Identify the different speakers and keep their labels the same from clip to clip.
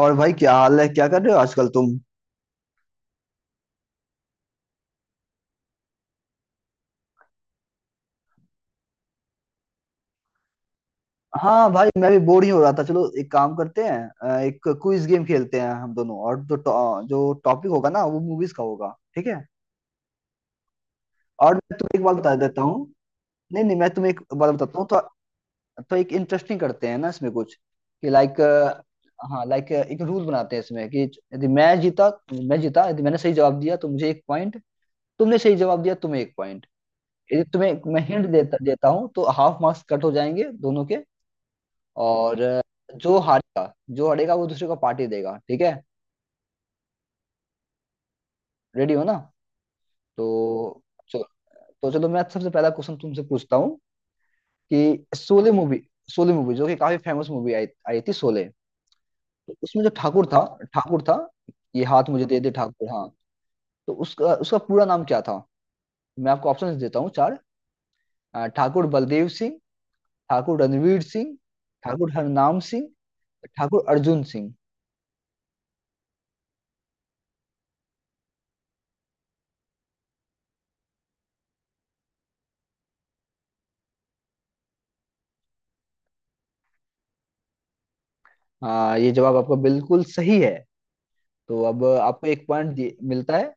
Speaker 1: और भाई, क्या हाल है? क्या कर रहे हो आजकल तुम? हाँ भाई, मैं भी बोर ही हो रहा था। चलो, एक काम करते हैं। एक क्विज गेम खेलते हैं हम दोनों, और जो जो टॉपिक होगा ना, वो मूवीज का होगा, ठीक है। और मैं तुम्हें एक बात बता देता हूँ। नहीं नहीं, मैं तुम्हें एक बात बताता हूँ तो। तो एक इंटरेस्टिंग करते हैं ना इसमें कुछ, कि लाइक। हाँ लाइक, एक रूल बनाते हैं इसमें कि यदि मैं जीता, यदि मैंने सही जवाब दिया तो मुझे एक पॉइंट। तुमने सही जवाब दिया, तुम्हें एक पॉइंट। यदि तुम्हें मैं हिंट देता देता हूँ तो हाफ मार्क्स कट हो जाएंगे दोनों के। और जो हारेगा, जो हारेगा वो दूसरे को पार्टी देगा, ठीक है। रेडी हो ना? तो चलो तो चलो मैं सबसे पहला क्वेश्चन तुमसे पूछता हूँ कि शोले मूवी शोले मूवी जो कि काफी फेमस मूवी आई आई थी, शोले। तो उसमें जो ठाकुर था, ठाकुर था, ये हाथ मुझे दे दे ठाकुर, हाँ। तो उसका उसका पूरा नाम क्या था? मैं आपको ऑप्शन देता हूँ चार। ठाकुर बलदेव सिंह, ठाकुर रणवीर सिंह, ठाकुर हरनाम सिंह, ठाकुर अर्जुन सिंह। हाँ, ये जवाब आपका बिल्कुल सही है। तो अब आपको एक पॉइंट मिलता है।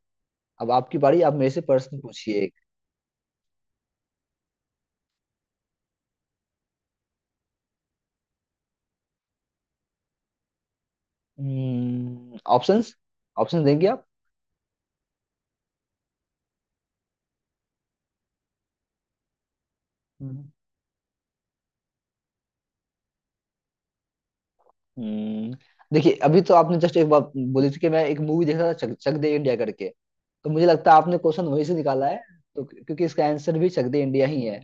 Speaker 1: अब आपकी बारी, आप मेरे से प्रश्न पूछिए एक। ऑप्शंस ऑप्शन देंगे आप? हम्म। हम्म। देखिए, अभी तो आपने जस्ट एक बात बोली थी कि मैं एक मूवी देख रहा था चक दे इंडिया करके। तो मुझे लगता है आपने क्वेश्चन वहीं से निकाला है। तो क्योंकि इसका आंसर भी चक दे इंडिया ही है।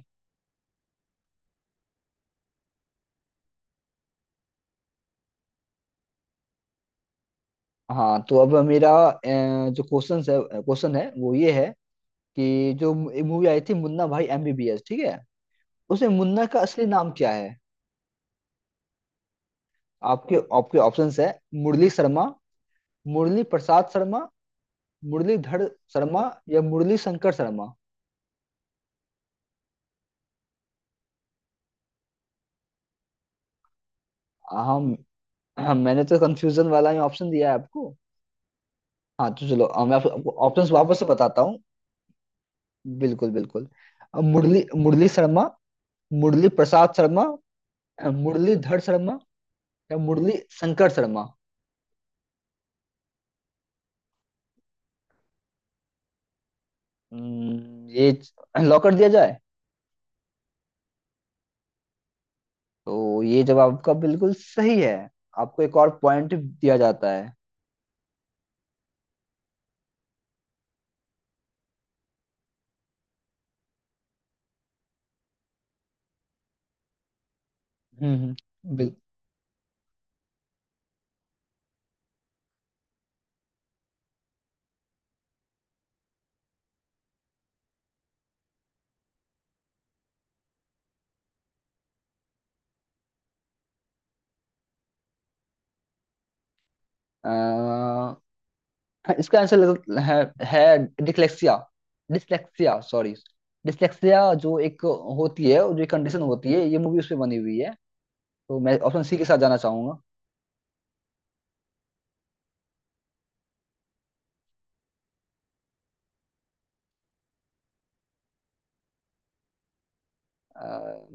Speaker 1: हाँ, तो अब मेरा जो क्वेश्चन है वो ये है कि जो मूवी आई थी मुन्ना भाई एमबीबीएस, ठीक है, उसमें मुन्ना का असली नाम क्या है? आपके आपके ऑप्शंस है मुरली शर्मा, मुरली प्रसाद शर्मा, मुरलीधर शर्मा, या मुरली शंकर शर्मा। हम हम, मैंने तो कंफ्यूजन वाला ही ऑप्शन दिया है आपको। हाँ, तो चलो, मैं आपको आपको ऑप्शंस वापस से बताता हूँ। बिल्कुल बिल्कुल। मुरली मुरली शर्मा, मुरली प्रसाद शर्मा, मुरलीधर शर्मा, या मुरली शंकर शर्मा। ये लॉक कर दिया जाए? तो ये जवाब आपका बिल्कुल सही है। आपको एक और पॉइंट दिया जाता है। हम्म हम्म, बिल, अ, हाँ, इसका आंसर है, है डिसलेक्सिया डिसलेक्सिया सॉरी डिसलेक्सिया, जो एक होती है, जो एक कंडीशन होती है, ये मूवी उसमें बनी हुई है। तो मैं ऑप्शन सी के साथ जाना चाहूंगा। अ,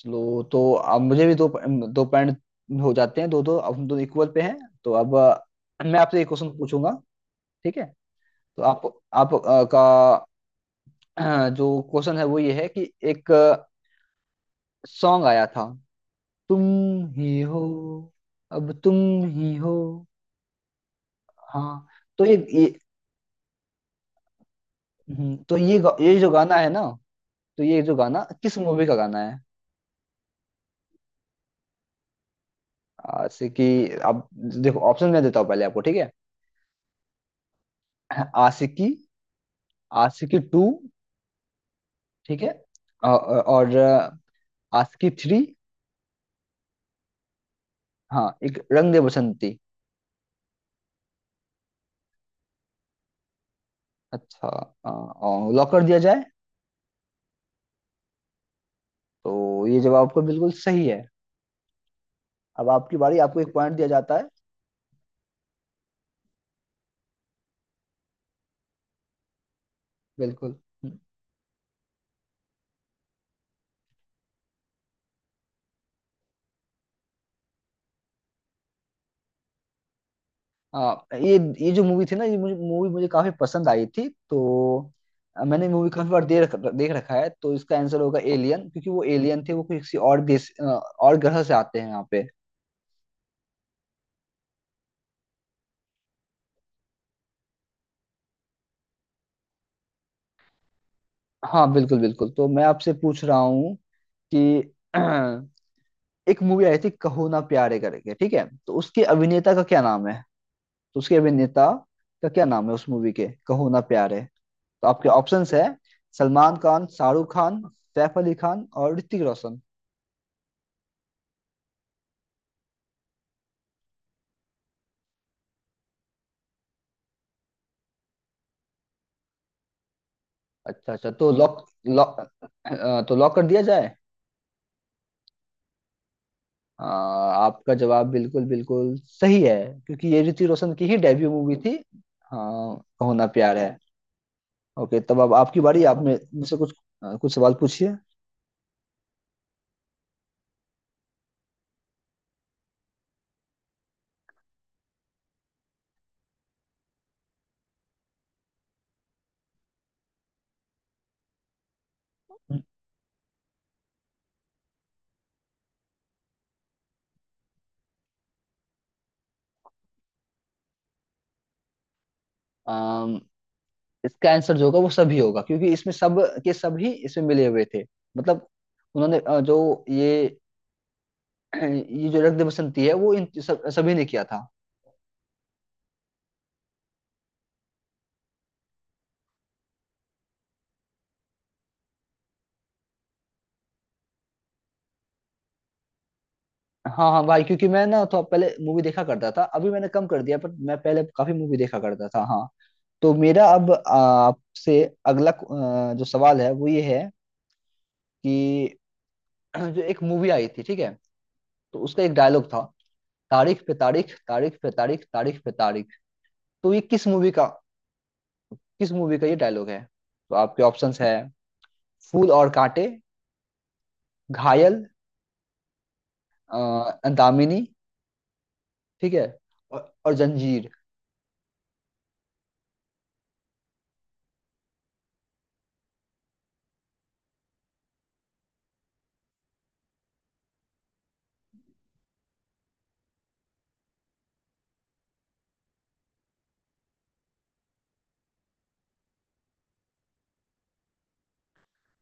Speaker 1: चलो, तो अब मुझे भी दो, दो पॉइंट हो जाते हैं। दो दो, अब हम दोनों इक्वल पे हैं। तो अब मैं आपसे एक क्वेश्चन पूछूंगा, ठीक है। तो आप जो क्वेश्चन है वो ये है कि एक सॉन्ग आया था, तुम ही हो, अब तुम ही हो। हाँ। तो ये, तो ये जो गाना है ना, तो ये जो गाना किस मूवी का गाना है? जैसे कि आप, देखो, ऑप्शन मैं देता हूँ पहले आपको, ठीक है। आशिकी, आशिकी टू, ठीक है, और आशिकी थ्री, हाँ, एक रंग दे बसंती। अच्छा। लॉक कर दिया जाए? तो ये जवाब आपका बिल्कुल सही है। अब आपकी बारी, आपको एक पॉइंट दिया जाता है। बिल्कुल। आ, ये ये जो मूवी थी ना, ये मुझे मूवी मुझे काफी पसंद आई थी। तो मैंने मूवी काफी बार देख देख रखा है, तो इसका आंसर होगा एलियन, क्योंकि वो एलियन थे। वो किसी और देश और ग्रह से आते हैं यहाँ पे। हाँ बिल्कुल बिल्कुल, तो मैं आपसे पूछ रहा हूँ कि एक मूवी आई थी कहो ना प्यारे करके, ठीक है। तो उसके अभिनेता का क्या नाम है? तो उसके अभिनेता का क्या नाम है उस मूवी के, कहो ना प्यारे? तो आपके ऑप्शंस है सलमान खान, शाहरुख खान, सैफ अली खान और ऋतिक रोशन। अच्छा अच्छा, तो लॉक लॉक तो लॉक कर दिया जाए? आपका जवाब बिल्कुल बिल्कुल सही है, क्योंकि ये ऋतिक रोशन की ही डेब्यू मूवी थी। हाँ, कहो ना प्यार है। ओके, तब अब आपकी बारी। आप मुझसे कुछ, कुछ सवाल पूछिए। अम, इसका आंसर जो होगा वो सभी होगा, क्योंकि इसमें सब के सभी इसमें मिले हुए थे। मतलब उन्होंने जो ये ये जो रक्त दे बसंती है, वो इन सब सभी ने किया था। हाँ हाँ भाई, क्योंकि मैं ना तो पहले मूवी देखा करता था, अभी मैंने कम कर दिया, पर मैं पहले काफी मूवी देखा करता था, हाँ। तो मेरा अब, आपसे अगला, जो सवाल है वो ये है कि जो एक मूवी आई थी, ठीक है, तो उसका एक डायलॉग था, तारीख पे तारीख, तारीख पे तारीख, तारीख पे तारीख। तो ये किस मूवी का ये डायलॉग है? तो आपके ऑप्शंस है फूल और कांटे, घायल, दामिनी, ठीक है, और जंजीर।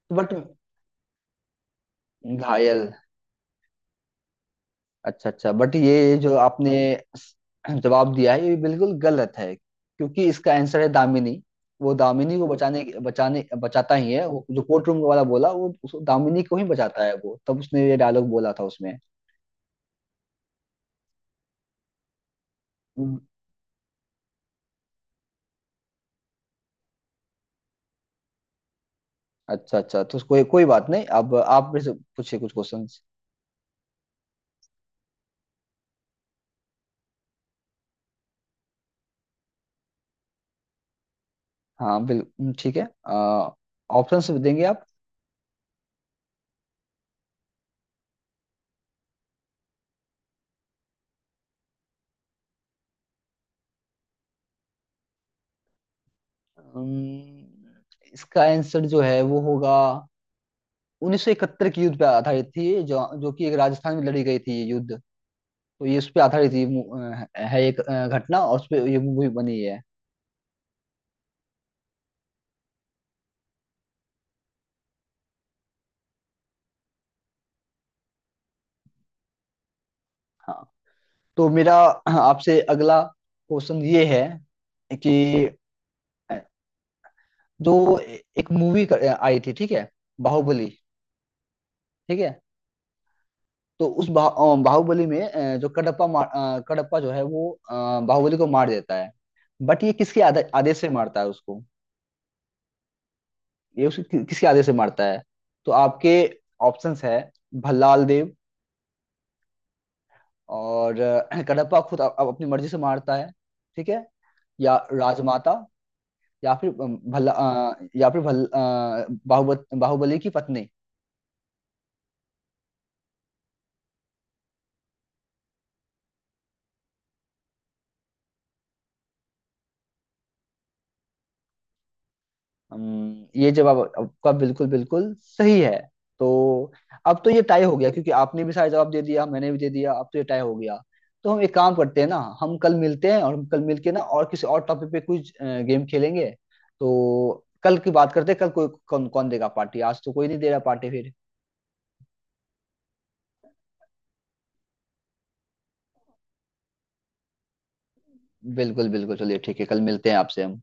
Speaker 1: तो बट घायल। अच्छा अच्छा, बट ये जो आपने जवाब दिया है ये बिल्कुल गलत है, क्योंकि इसका आंसर है दामिनी। वो दामिनी को बचाने बचाने बचाता ही है। वो जो कोर्ट रूम वाला बोला, वो उस दामिनी को ही बचाता है। वो तब उसने ये डायलॉग बोला था उसमें। हम्म, अच्छा अच्छा, तो कोई कोई बात नहीं। अब आप मेरे से पूछिए कुछ क्वेश्चंस। हाँ बिल्कुल, ठीक है, ऑप्शंस देंगे आप? अम्म, इसका आंसर जो है वो होगा 1971 के युद्ध पे आधारित थी, जो जो कि एक राजस्थान में लड़ी गई थी ये युद्ध। तो ये उस पे आधारित ये है, एक घटना, और उस पे ये मूवी बनी है। हाँ, तो मेरा, हाँ, आपसे अगला क्वेश्चन ये है कि जो एक मूवी आई थी, ठीक है, बाहुबली, ठीक है, तो उस बाहुबली में जो कडप्पा, कडप्पा जो है वो बाहुबली को मार देता है। बट ये किसके आदेश से मारता है उसको? ये उसके किसके आदेश से मारता है? तो आपके ऑप्शंस है भल्लाल देव, और कडप्पा खुद अपनी मर्जी से मारता है, ठीक है, या राजमाता, या फिर या फिर भल बाहुबली बाहुबली की पत्नी। ये जवाब आपका बिल्कुल बिल्कुल सही है। तो अब तो ये टाई हो गया, क्योंकि आपने भी सारे जवाब दे दिया, मैंने भी दे दिया, अब तो ये टाई हो गया। तो हम एक काम करते हैं ना, हम कल मिलते हैं, और हम कल मिलके ना, और किसी और टॉपिक पे कुछ गेम खेलेंगे। तो कल की बात करते हैं, कल कोई कौन कौन देगा पार्टी? आज तो कोई नहीं दे रहा पार्टी फिर। बिल्कुल बिल्कुल, चलिए ठीक है, कल मिलते हैं आपसे हम।